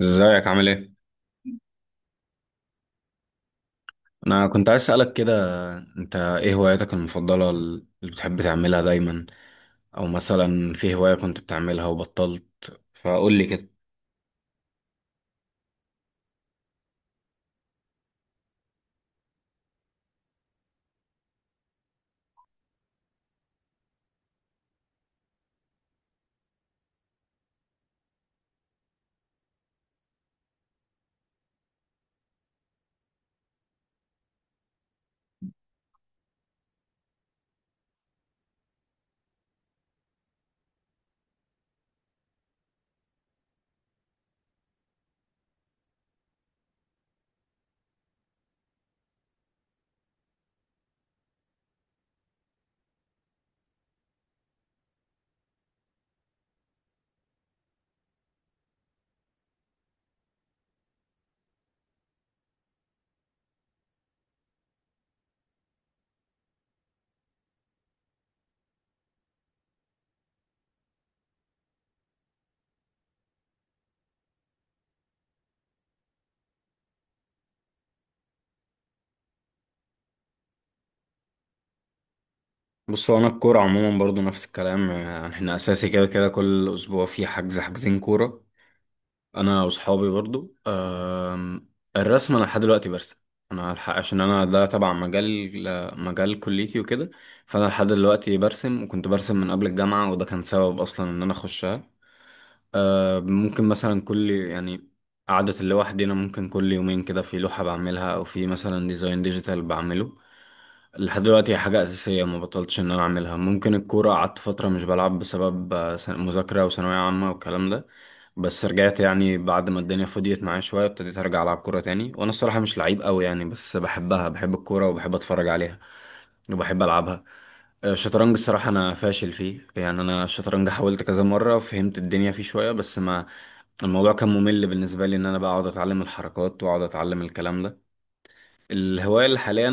ازيك عامل ايه؟ انا كنت عايز اسألك كده. انت ايه هواياتك المفضلة اللي بتحب تعملها دايما، او مثلا في هواية كنت بتعملها وبطلت؟ فقول لي كده. بص، هو انا الكورة عموما برضو نفس الكلام، يعني احنا اساسي كده كده كل اسبوع في حجز حجزين كورة انا واصحابي برضو. الرسم انا لحد دلوقتي برسم، انا الحق عشان انا ده تبع مجال، مجال كليتي وكده. فانا لحد دلوقتي برسم، وكنت برسم من قبل الجامعة، وده كان سبب اصلا ان انا اخشها. ممكن مثلا كل يعني قعدة اللي لوحدي أنا، ممكن كل يومين كده في لوحة بعملها، أو في مثلا ديزاين ديجيتال بعمله. لحد دلوقتي هي حاجة أساسية ما بطلتش إن أنا أعملها. ممكن الكورة قعدت فترة مش بلعب بسبب مذاكرة وثانوية عامة والكلام ده، بس رجعت يعني بعد ما الدنيا فضيت معايا شوية ابتديت أرجع ألعب كورة تاني. وأنا الصراحة مش لعيب أوي يعني، بس بحبها، بحب الكورة وبحب أتفرج عليها وبحب ألعبها. الشطرنج الصراحة أنا فاشل فيه، يعني أنا الشطرنج حاولت كذا مرة، فهمت الدنيا فيه شوية، بس ما الموضوع كان ممل بالنسبة لي إن أنا بقى أقعد أتعلم الحركات وأقعد أتعلم الكلام ده. الهواية اللي حاليا،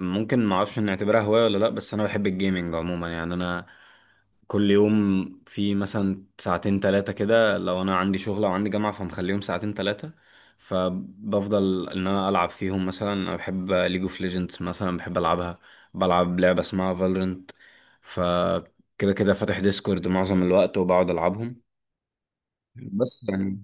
ممكن معرفش نعتبرها هواية ولا لأ، بس أنا بحب الجيمنج عموما. يعني أنا كل يوم في مثلا ساعتين تلاتة كده، لو أنا عندي شغل أو عندي جامعة فمخليهم ساعتين تلاتة، فبفضل إن أنا ألعب فيهم. مثلا أنا بحب ليج اوف ليجندز، مثلا بحب ألعبها، بلعب لعبة اسمها فالورنت، فكده كده فاتح ديسكورد معظم الوقت وبقعد ألعبهم. بس يعني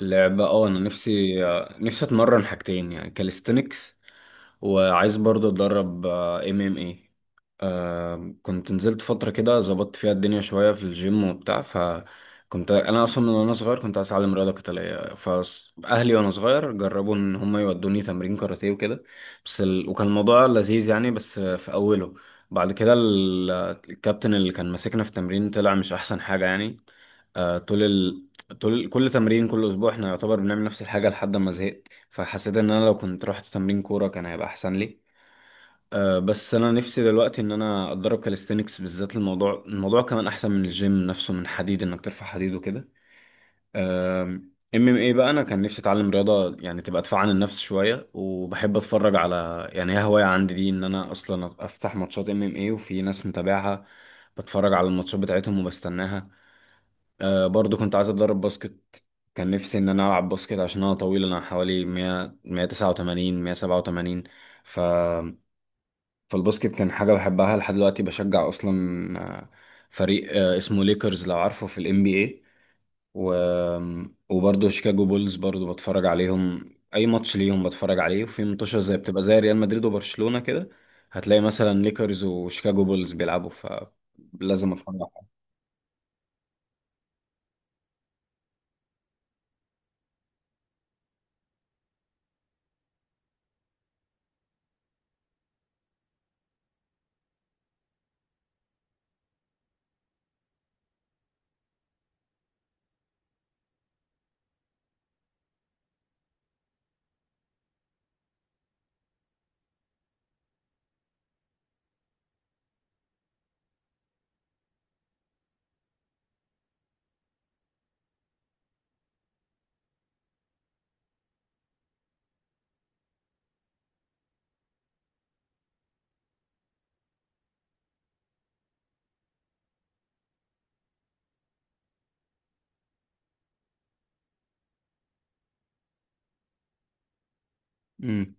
لعبة اه، انا نفسي، نفسي اتمرن حاجتين يعني كاليستنكس، وعايز برضو اتدرب ام ام اي. كنت نزلت فترة كده ظبطت فيها الدنيا شوية في الجيم وبتاع. فكنت انا اصلا من وانا صغير كنت عايز اتعلم رياضة قتالية، فاهلي وانا صغير جربوا ان هم يودوني تمرين كاراتيه وكده. وكان الموضوع لذيذ يعني بس في اوله، بعد كده الكابتن اللي كان ماسكنا في التمرين طلع مش احسن حاجة يعني. آه، طول طول كل تمرين كل اسبوع احنا يعتبر بنعمل نفس الحاجه لحد ما زهقت، فحسيت ان انا لو كنت رحت تمرين كوره كان هيبقى احسن لي. أه بس انا نفسي دلوقتي ان انا اتدرب كاليستينكس بالذات، الموضوع كمان احسن من الجيم نفسه من حديد انك ترفع حديد وكده. ام ام اي بقى انا كان نفسي اتعلم رياضه يعني تبقى دفاع عن النفس شويه، وبحب اتفرج على يعني هي هوايه عندي دي ان انا اصلا افتح ماتشات ام ام اي، وفي ناس متابعها بتفرج على الماتشات بتاعتهم وبستناها. آه برضو كنت عايز اتدرب باسكت. كان نفسي ان انا العب باسكت عشان انا طويل، انا حوالي 100 189 187. ف فالباسكت كان حاجه بحبها لحد دلوقتي، بشجع اصلا آه، فريق اسمه ليكرز لو عارفه في الام بي اي. و... وبرضه شيكاغو بولز برضه بتفرج عليهم اي ماتش ليهم بتفرج عليه، وفي ماتشات زي بتبقى زي ريال مدريد وبرشلونه كده، هتلاقي مثلا ليكرز وشيكاغو بولز بيلعبوا فلازم اتفرج عليهم.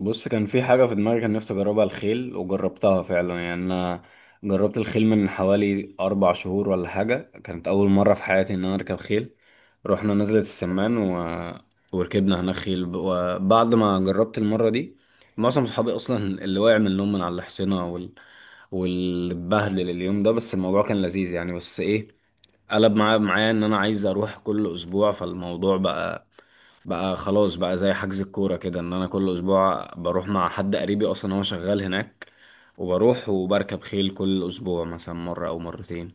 بص، كان في حاجة في دماغي كان نفسي أجربها، الخيل، وجربتها فعلا. يعني أنا جربت الخيل من حوالي أربع شهور ولا حاجة، كانت أول مرة في حياتي إن أنا أركب خيل. رحنا نزلة السمان وركبنا هناك خيل. وبعد ما جربت المرة دي، معظم صحابي أصلا اللي وقع من النوم من على الحصينة والبهدل اليوم ده، بس الموضوع كان لذيذ يعني. بس إيه، قلب معايا ان انا عايز اروح كل اسبوع، فالموضوع بقى خلاص بقى زي حجز الكورة كده، ان انا كل اسبوع بروح مع حد قريبي اصلا هو شغال هناك، وبروح وبركب خيل كل اسبوع مثلا مرة او مرتين.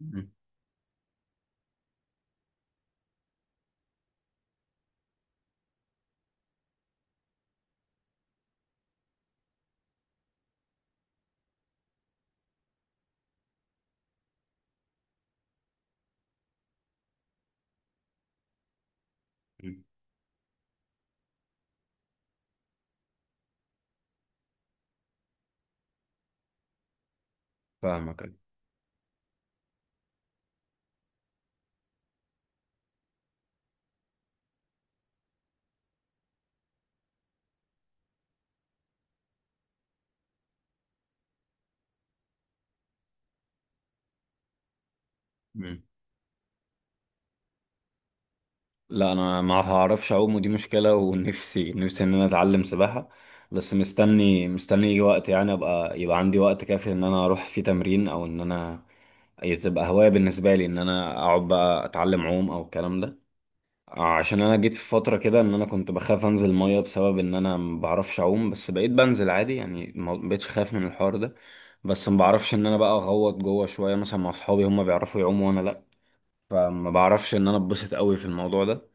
مم. مم. فاهمك، أيوة. مم. لا انا ما هعرفش اعوم، ودي مشكلة، ونفسي ان انا اتعلم سباحة، بس مستني يجي وقت يعني، ابقى يبقى عندي وقت كافي ان انا اروح فيه تمرين او ان انا، هي تبقى هواية بالنسبة لي ان انا اقعد بقى اتعلم عوم او الكلام ده. عشان انا جيت في فترة كده ان انا كنت بخاف انزل مية بسبب ان انا ما بعرفش اعوم، بس بقيت بنزل عادي يعني، ما بقتش خايف من الحوار ده. بس ما بعرفش ان انا بقى اغوط جوه شوية، مثلا مع اصحابي هم بيعرفوا يعوموا وانا لا، فما بعرفش ان انا اتبسط قوي في الموضوع ده.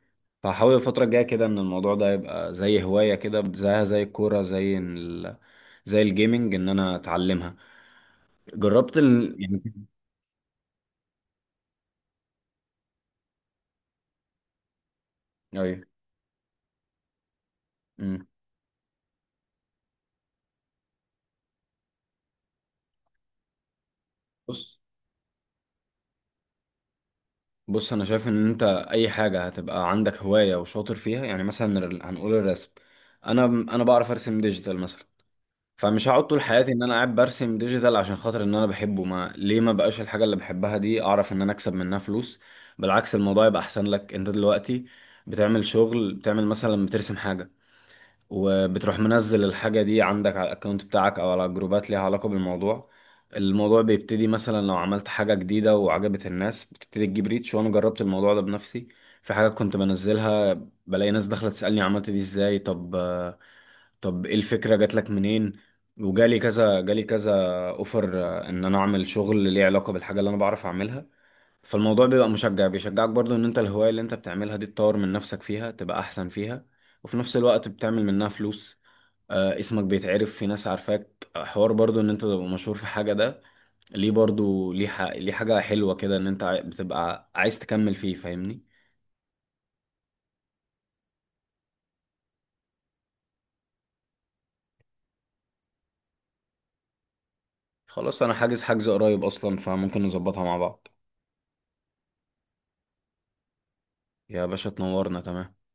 فحاول الفترة الجاية كده ان الموضوع ده يبقى زي هواية كده، زيها زي الكورة، زي الجيمنج، ان انا اتعلمها. جربت ال... يعني ايوه. أمم. بص بص انا شايف ان انت اي حاجه هتبقى عندك هوايه وشاطر فيها، يعني مثلا هنقول الرسم. انا بعرف ارسم ديجيتال مثلا، فمش هقعد طول حياتي ان انا قاعد برسم ديجيتال عشان خاطر ان انا بحبه. ما ليه ما بقاش الحاجه اللي بحبها دي اعرف ان انا اكسب منها فلوس؟ بالعكس الموضوع يبقى احسن لك. انت دلوقتي بتعمل شغل، بتعمل مثلا بترسم حاجه، وبتروح منزل الحاجة دي عندك على الاكونت بتاعك او على جروبات ليها علاقة بالموضوع. الموضوع بيبتدي مثلا لو عملت حاجة جديدة وعجبت الناس بتبتدي تجيب ريتش، وانا جربت الموضوع ده بنفسي. في حاجات كنت بنزلها، بلاقي ناس داخلة تسألني عملت دي ازاي، طب ايه الفكرة جات لك منين، وجالي كذا جالي كذا. اوفر ان انا اعمل شغل ليه علاقة بالحاجة اللي انا بعرف اعملها. فالموضوع بيبقى مشجع، بيشجعك برضو ان انت الهواية اللي انت بتعملها دي تطور من نفسك فيها تبقى احسن فيها، وفي نفس الوقت بتعمل منها فلوس. آه اسمك بيتعرف، في ناس عارفاك، حوار برضو ان انت تبقى مشهور في حاجة ده ليه برضو ليه, ح... ليه، حاجة حلوة كده ان انت بتبقى عايز تكمل فيه، فاهمني. خلاص انا حاجز حجز قريب اصلا، فممكن نظبطها مع بعض. يا باشا تنورنا، تمام.